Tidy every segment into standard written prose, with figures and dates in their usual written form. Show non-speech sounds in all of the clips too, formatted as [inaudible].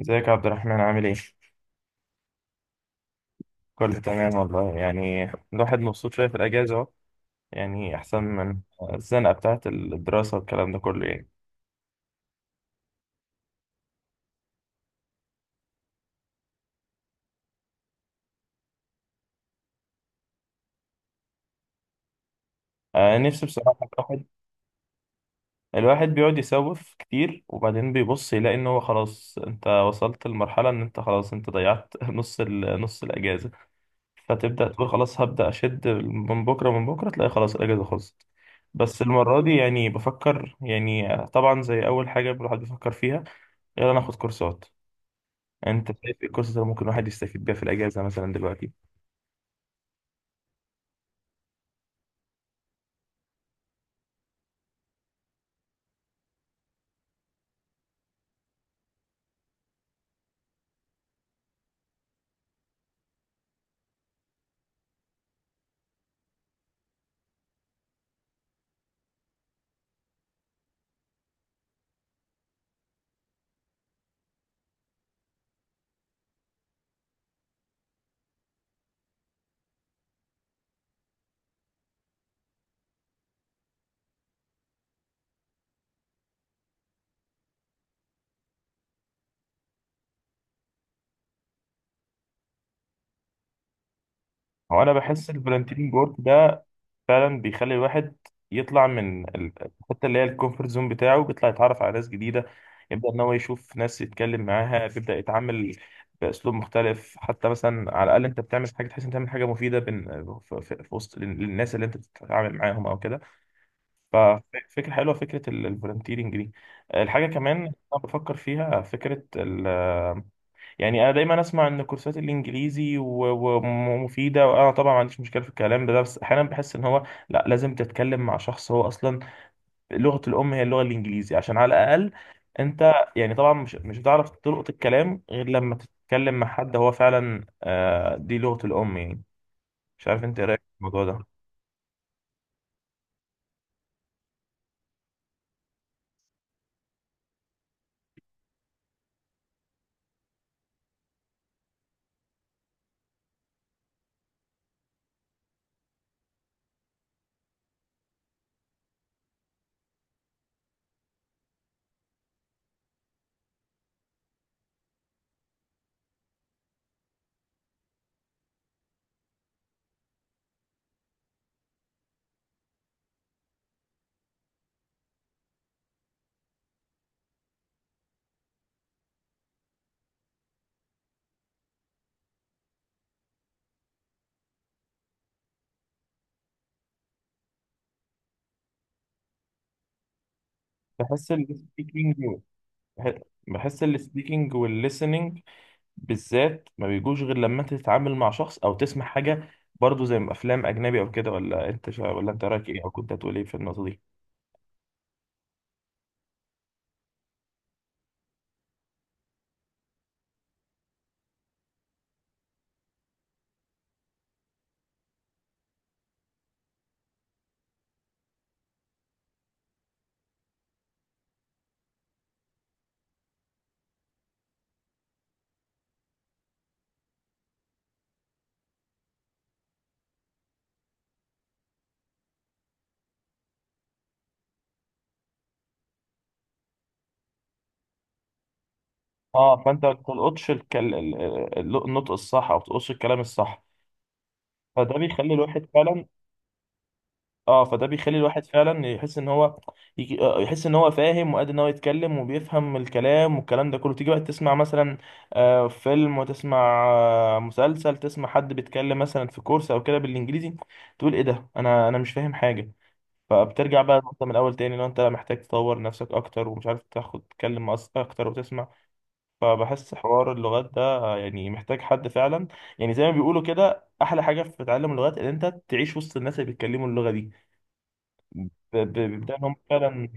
ازيك يا عبد الرحمن عامل ايه؟ كله تمام والله، يعني الواحد مبسوط شوية في الأجازة أهو، يعني أحسن من الزنقة بتاعة الدراسة والكلام ده كله يعني. آه، نفسي بصراحة. الواحد بيقعد يسوف كتير، وبعدين بيبص يلاقي إن هو خلاص، أنت وصلت لمرحلة إن أنت خلاص أنت ضيعت [laughs] نص الأجازة. فتبدأ تقول خلاص، هبدأ أشد من بكرة، من بكرة تلاقي خلاص الأجازة خلصت. بس المرة دي يعني بفكر، يعني طبعا زي أول حاجة الواحد بيفكر فيها، يلا ناخد كورسات. انت شايف ايه القصص اللي ممكن الواحد يستفيد بيها في الاجازه مثلا دلوقتي؟ هو انا بحس الفولنتيرنج ورك ده فعلا بيخلي الواحد يطلع من الحته اللي هي الكومفورت زون بتاعه، بيطلع يتعرف على ناس جديده، يبدا ان هو يشوف ناس يتكلم معاها، بيبدا يتعامل باسلوب مختلف، حتى مثلا على الاقل انت بتعمل حاجه، تحس انت بتعمل حاجه مفيده بين في وسط الناس اللي انت بتتعامل معاهم او كده. ففكره حلوه، فكره الفولنتيرنج دي. الحاجه كمان انا بفكر فيها فكره، يعني انا دايما اسمع ان كورسات الانجليزي ومفيده، وانا طبعا ما عنديش مشكله في الكلام ده، بس احيانا بحس ان هو لا، لازم تتكلم مع شخص هو اصلا لغه الام هي اللغه الانجليزي، عشان على الاقل انت، يعني طبعا مش هتعرف تلقط الكلام غير لما تتكلم مع حد هو فعلا، دي لغه الام يعني. مش عارف انت ايه رايك في الموضوع ده؟ بحس السبيكينج، بحس السبيكينج والlistening بالذات ما بيجوش غير لما انت تتعامل مع شخص او تسمع حاجه، برضه زي ما افلام اجنبي او كده. ولا انت رايك ايه، او كنت هتقول ايه في النقطه دي؟ اه، فانت ما تلقطش النطق الصح، او ما تلقطش الكلام الصح. فده بيخلي الواحد فعلا، اه، فده بيخلي الواحد فعلا يحس ان هو يجي... آه، يحس ان هو فاهم، وقادر ان هو يتكلم وبيفهم الكلام والكلام ده كله. تيجي بقى تسمع مثلا فيلم، وتسمع مسلسل، تسمع حد بيتكلم مثلا في كورس او كده بالانجليزي، تقول ايه ده؟ انا مش فاهم حاجه. فبترجع بقى انت من الاول تاني، لو انت محتاج تطور نفسك اكتر ومش عارف تاخد تتكلم اكتر وتسمع. فبحس حوار اللغات ده يعني محتاج حد فعلا، يعني زي ما بيقولوا كده، احلى حاجه في تعلم اللغات ان انت تعيش وسط الناس اللي بيتكلموا اللغه دي. بيبدأ إن هم فعلا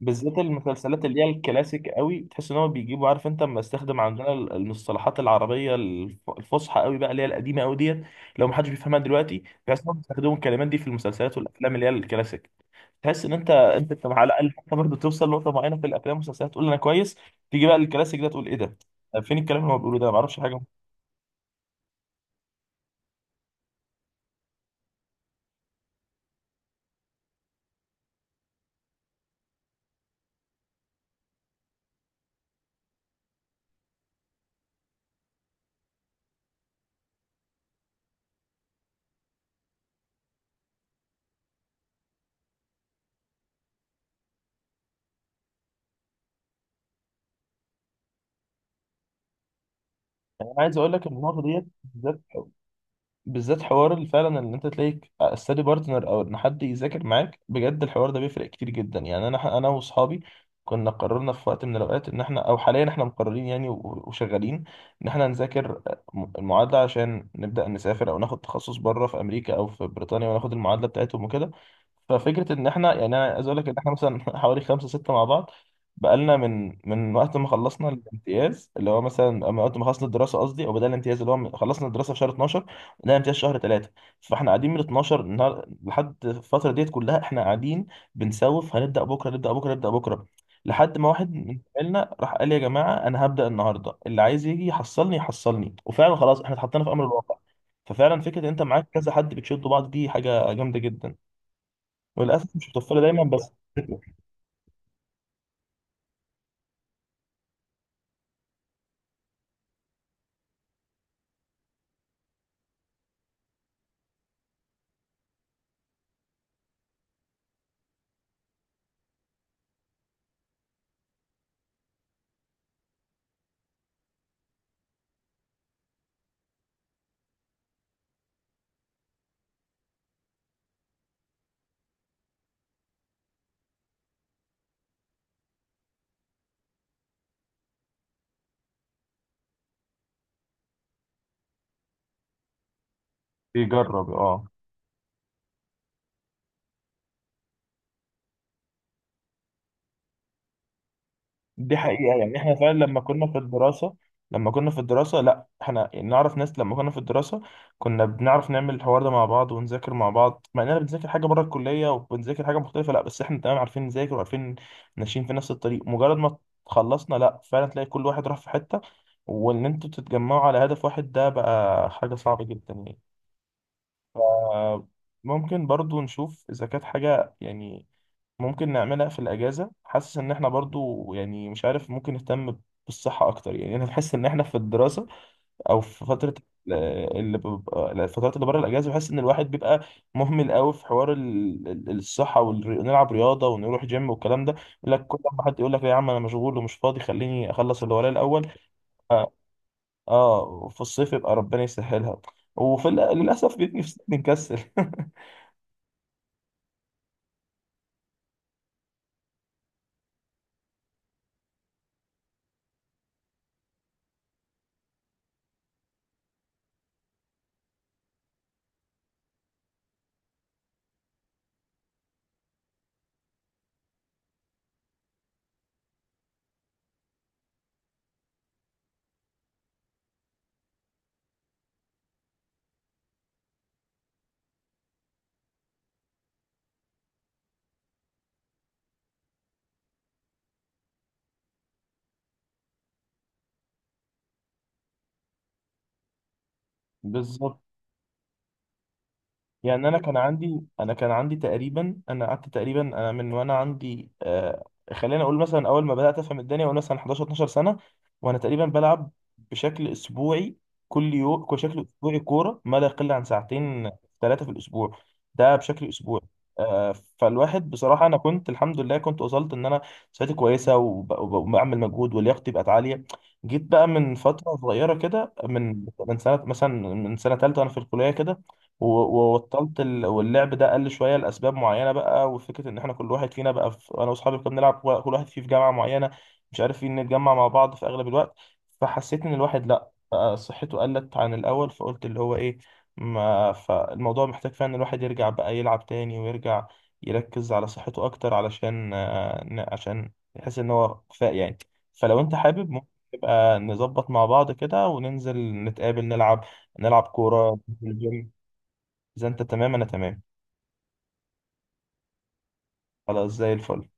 بالذات المسلسلات اللي هي الكلاسيك قوي، بتحس ان هو بيجيبوا، عارف انت لما استخدم عندنا المصطلحات العربيه الفصحى قوي بقى، اللي هي القديمه قوي ديت، لو ما حدش بيفهمها دلوقتي. بحس انهم بيستخدموا الكلمات دي في المسلسلات والافلام اللي هي الكلاسيك، تحس ان انت على الاقل حتى برضه توصل لنقطه معينه في الافلام والمسلسلات، تقول انا كويس، تيجي بقى الكلاسيك ده تقول ايه ده؟ فين الكلام اللي هو بيقوله ده؟ ما اعرفش حاجه. انا عايز اقول لك ان النقطه ديت بالذات، بالذات حوار اللي فعلا ان انت تلاقيك استادي بارتنر، او ان حد يذاكر معاك بجد، الحوار ده بيفرق كتير جدا يعني. انا واصحابي كنا قررنا في وقت من الاوقات ان احنا، او حاليا احنا مقررين يعني وشغالين، ان احنا نذاكر المعادله عشان نبدا نسافر، او ناخد تخصص بره في امريكا او في بريطانيا، وناخد المعادله بتاعتهم وكده. ففكره ان احنا يعني، انا عايز اقول لك ان احنا مثلا [laughs] حوالي خمسه سته مع بعض، بقالنا من وقت ما خلصنا الامتياز، اللي هو مثلا من وقت ما خلصنا الدراسه قصدي، او بدأنا الامتياز اللي هو خلصنا الدراسه في شهر 12. لا، امتياز شهر 3. فاحنا قاعدين من 12 النهار لحد الفترة ديت كلها، احنا قاعدين بنسوف، هنبدأ بكرة نبدأ بكرة نبدأ بكرة، لحد ما واحد من زمايلنا راح قال يا جماعة، أنا هبدأ النهاردة، اللي عايز يجي يحصلني يحصلني. وفعلا خلاص احنا اتحطينا في أمر الواقع. ففعلا فكرة إن أنت معاك كذا حد بتشدوا بعض دي حاجة جامدة جدا، وللأسف مش متوفرة دايما. بس بيجرب، اه، دي حقيقة يعني. احنا فعلا لما كنا في الدراسة لا، احنا نعرف ناس، لما كنا في الدراسة كنا بنعرف نعمل الحوار ده مع بعض، ونذاكر مع بعض، مع اننا بنذاكر حاجة بره الكلية وبنذاكر حاجة مختلفة، لا بس احنا تمام، عارفين نذاكر وعارفين ماشيين في نفس الطريق. مجرد ما خلصنا، لا فعلا تلاقي كل واحد راح في حتة، وان انتوا تتجمعوا على هدف واحد ده بقى حاجة صعبة جدا يعني. ف- ممكن برضو نشوف اذا كانت حاجة يعني ممكن نعملها في الأجازة، حاسس إن إحنا برضو يعني مش عارف، ممكن نهتم بالصحة أكتر. يعني أنا بحس إن إحنا في الدراسة أو في فترة ال- اللي ببقى، الفترات اللي بره الأجازة، بحس إن الواحد بيبقى مهمل قوي في حوار الصحة، ونلعب رياضة ونروح جيم والكلام ده. يقول لك كل ما حد يقول لك لا يا عم، أنا مشغول ومش فاضي، خليني أخلص اللي ورايا الأول. آه. آه، في الصيف يبقى ربنا يسهلها، للأسف بيجي في الصيف بنكسل [laughs] بالظبط. يعني انا كان عندي تقريبا، انا قعدت تقريبا، انا من وانا عندي، خلينا اقول مثلا اول ما بدات افهم الدنيا وانا مثلا 11 12 سنه، وانا تقريبا بلعب بشكل اسبوعي، كل يوم، بشكل اسبوعي كوره ما لا يقل عن ساعتين، ثلاثه في الاسبوع، ده بشكل اسبوعي. آه فالواحد بصراحه انا كنت الحمد لله كنت وصلت ان انا صحتي كويسه، وبعمل مجهود، ولياقتي بقت عاليه. جيت بقى من فتره صغيره كده، من سنه مثلا، من سنه ثالثه وانا في الكليه كده و- وبطلت، واللعب ده قل شويه لاسباب معينه بقى. وفكره ان احنا كل واحد فينا بقى في، انا واصحابي كنا بنلعب، كل واحد فيه في جامعه معينه، مش عارفين نتجمع مع بعض في اغلب الوقت. فحسيت ان الواحد لا بقى صحته قلت عن الاول، فقلت اللي هو ايه، ما فالموضوع محتاج فعلا ان الواحد يرجع بقى يلعب تاني، ويرجع يركز على صحته اكتر، علشان عشان يحس ان هو كفاء يعني. فلو انت حابب، ممكن نبقى نظبط مع بعض كده وننزل نتقابل، نلعب كورة، ننزل الجيم. إذا أنت تمام أنا تمام. خلاص زي الفل.